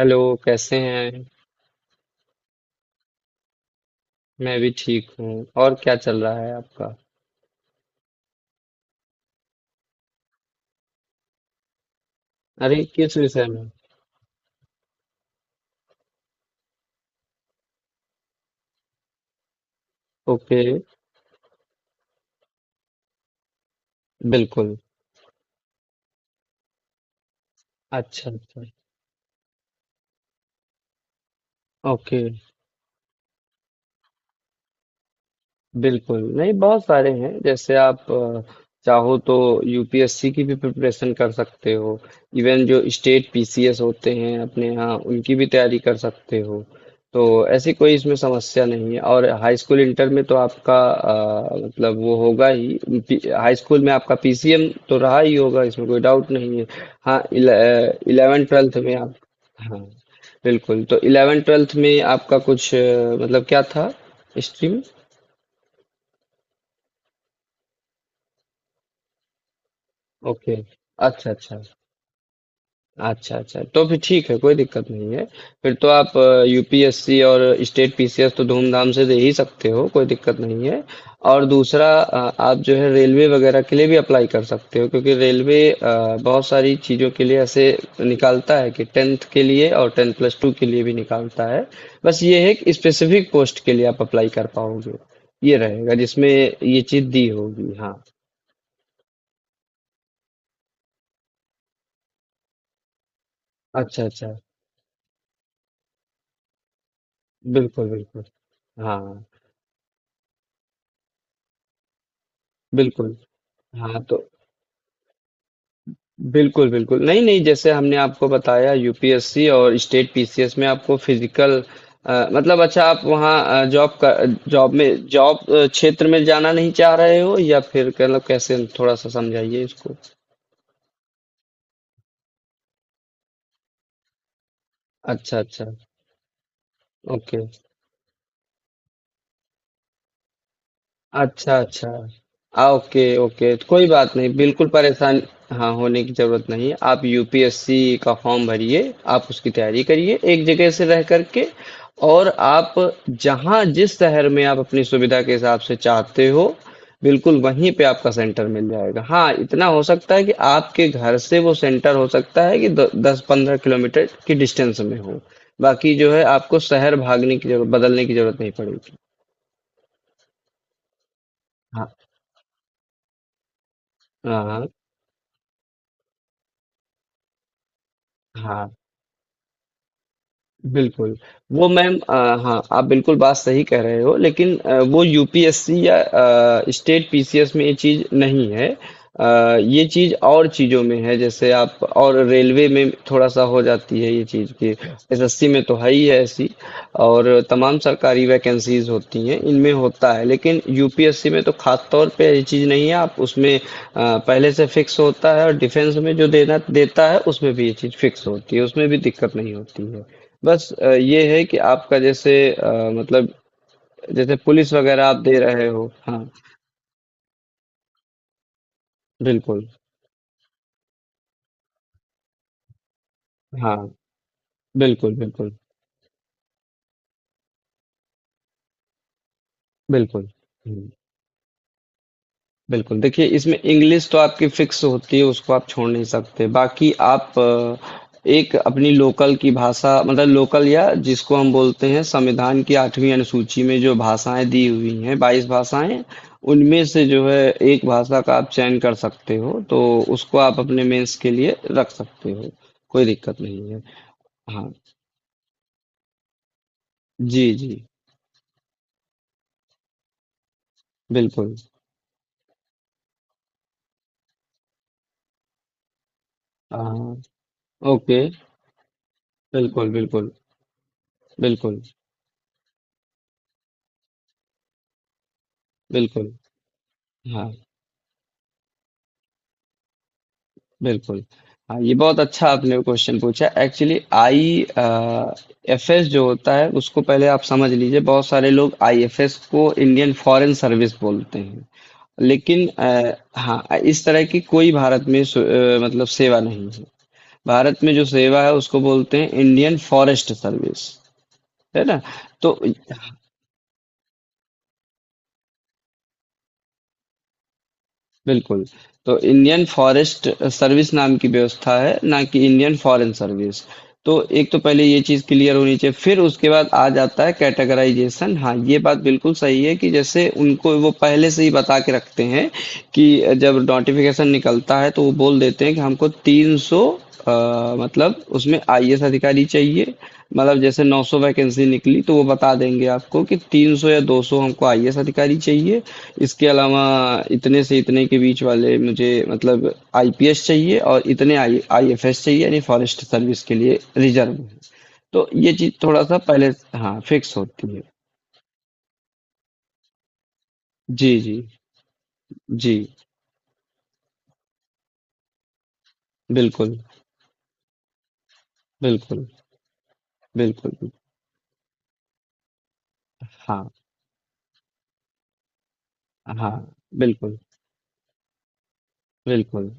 Hello. कैसे हैं? मैं भी ठीक हूँ। और क्या चल रहा है आपका? अरे किस विषय में? ओके। बिल्कुल। अच्छा अच्छा। ओके। बिल्कुल, नहीं बहुत सारे हैं जैसे आप चाहो तो यूपीएससी की भी प्रिपरेशन कर सकते हो। इवन जो स्टेट पीसीएस होते हैं अपने यहाँ उनकी भी तैयारी कर सकते हो। तो ऐसी कोई इसमें समस्या नहीं है। और हाई स्कूल इंटर में तो आपका मतलब वो होगा ही। हाई स्कूल में आपका पीसीएम तो रहा ही होगा, इसमें कोई डाउट नहीं है। हाँ, इलेवेंथ ट्वेल्थ में आप। हाँ बिल्कुल, तो इलेवेंथ ट्वेल्थ में आपका कुछ मतलब क्या था, हिस्ट्री में? ओके। अच्छा अच्छा। अच्छा अच्छा, तो फिर ठीक है, कोई दिक्कत नहीं है। फिर तो आप यूपीएससी और स्टेट पीसीएस तो धूमधाम से दे ही सकते हो, कोई दिक्कत नहीं है। और दूसरा, आप जो है रेलवे वगैरह के लिए भी अप्लाई कर सकते हो, क्योंकि रेलवे बहुत सारी चीज़ों के लिए ऐसे निकालता है कि टेंथ के लिए और टेंथ प्लस टू के लिए भी निकालता है। बस ये है कि स्पेसिफिक पोस्ट के लिए आप अप्लाई कर पाओगे, ये रहेगा जिसमें ये चीज़ दी होगी। हाँ। अच्छा अच्छा। बिल्कुल बिल्कुल। हाँ बिल्कुल। हाँ, तो बिल्कुल, बिल्कुल। नहीं, नहीं, जैसे हमने आपको बताया यूपीएससी और स्टेट पीसीएस में आपको फिज़िकल मतलब, अच्छा, आप वहाँ जॉब का जॉब में जॉब अ, क्षेत्र में जाना नहीं चाह रहे हो या फिर मतलब कैसे, थोड़ा-सा समझाइए इसको? अच्छा, अच्छा। ओके। अच्छा, अच्छा। Okay, okay. तो कोई बात नहीं, बिल्कुल परेशान, हाँ, होने की ज़रूरत नहीं है। आप यूपीएससी का फॉर्म भरिए, आप उसकी तैयारी करिए एक जगह से रह कर के, और आप जहाँ जिस शहर में आप अपनी सुविधा के हिसाब से चाहते हो, बिल्कुल वहीं पे आपका सेंटर मिल जाएगा। हाँ, इतना हो सकता है कि आपके घर से वो सेंटर हो सकता है कि द 10-15 किलोमीटर की डिस्टेंस में हो। बाकी जो है आपको शहर भागने की ज़रूरत, बदलने की ज़रूरत नहीं पड़ेगी। हाँ। हाँ, हाँ। हाँ। बिल्कुल। वो मैम, हाँ, आप बिल्कुल बात सही कह रहे हो, लेकिन वो यूपीएससी या स्टेट पीसीएस में ये चीज़ नहीं है। ये चीज़ और चीज़ों में है, जैसे आप और रेलवे में थोड़ा-सा हो जाती है ये चीज़ कि एसएससी में तो है ही है ऐसी, और तमाम सरकारी वैकेंसीज़ होती हैं, इनमें होता है, लेकिन यूपीएससी में तो खास तौर पे ये चीज़ नहीं है। आप उसमें पहले से फिक्स होता है, और डिफेंस में जो देना देता है उसमें भी ये चीज़ फिक्स होती है, उसमें भी दिक्कत नहीं होती है। बस ये है कि आपका जैसे मतलब जैसे पुलिस वगैरह आप दे रहे हो, हाँ। बिल्कुल। हाँ, बिल्कुल। बिल्कुल बिल्कुल। हम्म। बिल्कुल, देखिए इसमें इंग्लिश तो आपकी फ़िक्स होती है, उसको आप छोड़ नहीं सकते। बाकी आप एक अपनी लोकल की भाषा, मतलब लोकल या जिसको हम बोलते हैं संविधान की 8वीं अनुसूची में जो भाषाएँ दी हुई हैं, 22 भाषाएँ, उनमें से जो है एक भाषा का आप चयन कर सकते हो, तो उसको आप अपने मेंस के लिए रख सकते हो, कोई दिक्कत नहीं है। हाँ, जी, जी, बिल्कुल। हाँ, ओके, बिल्कुल, बिल्कुल, बिल्कुल, बिल्कुल, हाँ। बिल्कुल। हाँ, ये बहुत अच्छा आपने क्वेश्चन पूछा। एक्चुअली आई एफएस जो होता है उसको पहले आप समझ लीजिए। बहुत सारे लोग आईएफएस को इंडियन फॉरेन सर्विस बोलते हैं। लेकिन हाँ, इस तरह की कोई भारत में मतलब सेवा नहीं है। भारत में जो सेवा है उसको बोलते हैं इंडियन फॉरेस्ट सर्विस। है ना? तो बिल्कुल। तो इंडियन फॉरेस्ट सर्विस नाम की व्यवस्था है, ना कि इंडियन फॉरेन सर्विस। तो एक तो पहले ये चीज़ क्लियर होनी चाहिए, फिर उसके बाद आ जाता है कैटेगराइजेशन। हाँ, ये बात बिल्कुल सही है कि जैसे उनको वो पहले से ही बता के रखते हैं कि जब नोटिफिकेशन निकलता है, तो वो बोल देते हैं कि हमको तीस 300 मतलब उसमें आईएएस अधिकारी चाहिए, मतलब जैसे 900 वैकेंसी निकली तो वो बता देंगे आपको कि 300 या 200 हमको आईएएस अधिकारी चाहिए। इसके अलावा इतने से इतने के बीच वाले मुझे मतलब आईपीएस चाहिए, और इतने आई आईएफएस चाहिए, यानी फॉरेस्ट सर्विस के लिए रिजर्व में। तो ये चीज थोड़ा सा पहले, हाँ, फिक्स होती है। जी जी जी। बिल्कुल बिल्कुल। बिल्कुल बिल्कुल। हाँ हाँ। बिल्कुल बिल्कुल।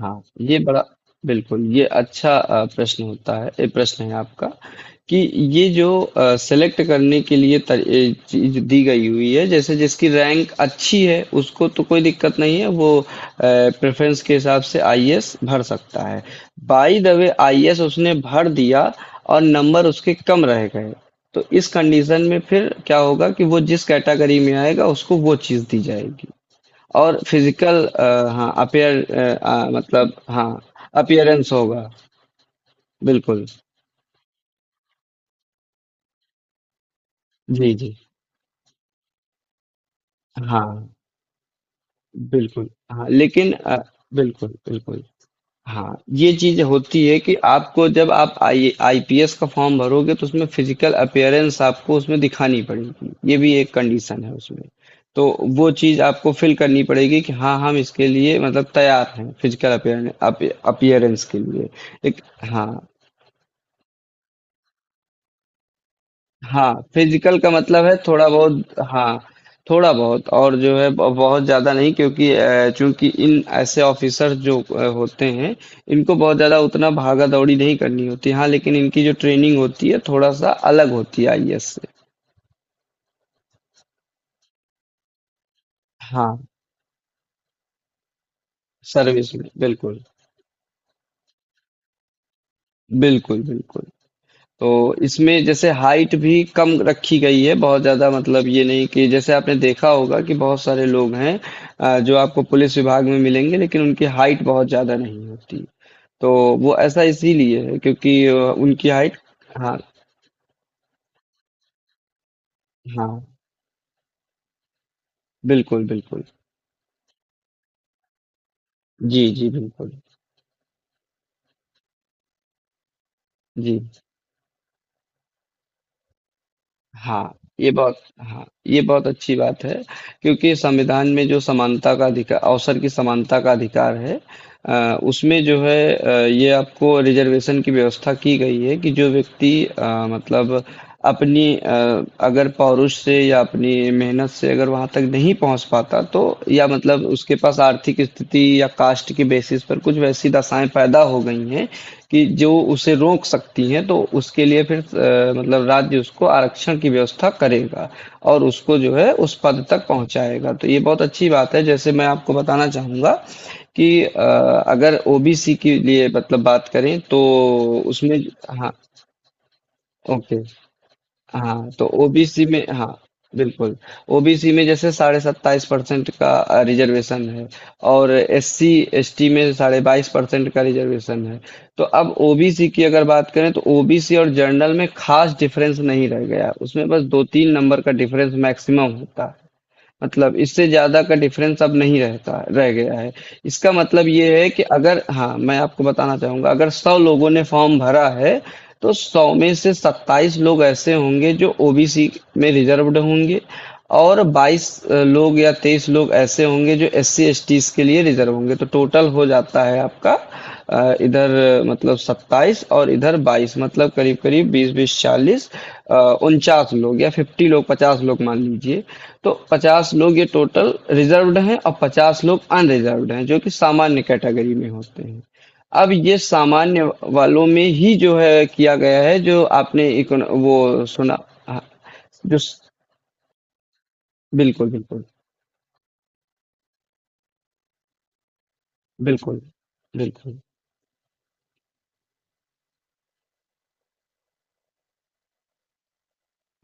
हाँ, ये बड़ा, बिल्कुल, ये अच्छा प्रश्न होता है, ये प्रश्न है आपका कि ये जो सेलेक्ट करने के लिए ये चीज दी गई हुई है, जैसे जिसकी रैंक अच्छी है उसको तो कोई दिक्कत नहीं है, वो प्रेफरेंस के हिसाब से आईएएस भर सकता है। बाय द वे, आईएएस उसने भर दिया, और नंबर उसके कम रह गए, तो इस कंडीशन में फिर क्या होगा कि वो जिस कैटेगरी में आएगा उसको वो चीज दी जाएगी। और फिजिकल, हाँ, अपियर, मतलब, हाँ, अपियरेंस होगा। बिल्कुल। जी जी। हाँ बिल्कुल। हाँ लेकिन बिल्कुल बिल्कुल। हाँ, ये चीज होती है कि आपको जब आप आई आईपीएस का फॉर्म भरोगे तो उसमें फिजिकल अपियरेंस आपको उसमें दिखानी पड़ेगी, ये भी एक कंडीशन है उसमें। तो वो चीज आपको फिल करनी पड़ेगी कि हाँ हम इसके लिए मतलब तैयार हैं फिजिकल अपियरेंस के लिए। एक, हाँ हाँ, फिजिकल का मतलब है थोड़ा बहुत, हाँ। थोड़ा बहुत, और जो है बहुत ज्यादा नहीं, क्योंकि चूंकि इन ऐसे ऑफिसर जो होते हैं, इनको बहुत ज्यादा उतना भागा दौड़ी नहीं करनी होती, हाँ, लेकिन इनकी जो ट्रेनिंग होती है थोड़ा सा अलग होती है आईएएस से। हाँ, सर्विस में बिल्कुल। बिल्कुल बिल्कुल। तो इसमें जैसे हाइट भी कम रखी गई है, बहुत ज़्यादा मतलब ये नहीं कि, जैसे आपने देखा होगा कि बहुत सारे लोग हैं जो आपको पुलिस विभाग में मिलेंगे लेकिन उनकी हाइट बहुत ज़्यादा नहीं होती। तो वो ऐसा इसीलिए है क्योंकि उनकी हाइट। हाँ, हाँ, बिल्कुल, बिल्कुल। जी, जी, बिल्कुल। जी, हाँ, ये बहुत, हाँ, ये बहुत अच्छी बात है, क्योंकि संविधान में जो समानता का अधिकार, अवसर की समानता का अधिकार है, उसमें जो है ये आपको रिजर्वेशन की व्यवस्था की गई है कि जो व्यक्ति मतलब अपनी अगर पौरुष से या अपनी मेहनत से अगर वहां तक नहीं पहुंच पाता, तो या मतलब उसके पास आर्थिक स्थिति या कास्ट के बेसिस पर कुछ वैसी दशाएं पैदा हो गई हैं कि जो उसे रोक सकती हैं, तो उसके लिए फिर मतलब राज्य उसको आरक्षण की व्यवस्था करेगा और उसको जो है उस पद तक पहुंचाएगा। तो ये बहुत अच्छी बात है, जैसे मैं आपको बताना चाहूंगा कि अगर ओबीसी के लिए मतलब बात करें तो उसमें। हाँ। ओके। हाँ, तो ओबीसी में, हाँ। बिल्कुल। ओबीसी में जैसे 27.5% का रिजर्वेशन है, और एससी एसटी में 22.5% का रिजर्वेशन है। तो अब ओबीसी की अगर बात करें तो ओबीसी और जनरल में खास डिफरेंस नहीं रह गया, उसमें बस दो तीन नंबर का डिफरेंस मैक्सिमम होता है, मतलब इससे ज़्यादा का डिफरेंस अब नहीं रहता, रह गया है। इसका मतलब ये है कि, अगर, हाँ, मैं आपको बताना चाहूँगा, अगर 100 लोगों ने फॉर्म भरा है, तो 100 में से 27 लोग ऐसे होंगे जो ओबीसी में रिजर्व्ड होंगे, और 22 लोग या 23 लोग ऐसे होंगे जो एससी एसटी के लिए रिजर्व होंगे। तो टोटल हो जाता है आपका, इधर मतलब 27 और इधर 22, मतलब करीब करीब 20 बीस, 40, 49 लोग, या 50 लोग, 50 लोग मान लीजिए। तो 50 लोग ये टोटल रिजर्व्ड हैं और 50 लोग अनरिजर्व्ड हैं, जो कि सामान्य कैटेगरी में होते हैं। अब ये सामान्य वालों में ही जो है किया गया है, जो आपने वो सुना। हाँ, जो। बिल्कुल बिल्कुल। बिल्कुल बिल्कुल।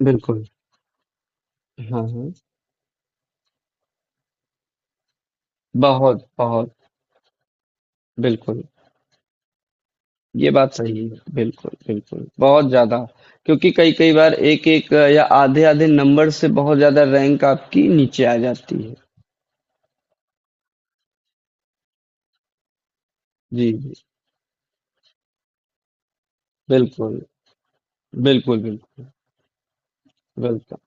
बिल्कुल। हाँ हाँ। बहुत बहुत, बिल्कुल। ये बात सही है, बिल्कुल बिल्कुल, बहुत ज्यादा, क्योंकि कई कई बार एक एक या आधे आधे नंबर से बहुत ज्यादा रैंक आपकी नीचे आ जाती है। जी जी। बिल्कुल बिल्कुल। बिल्कुल बिल्कुल।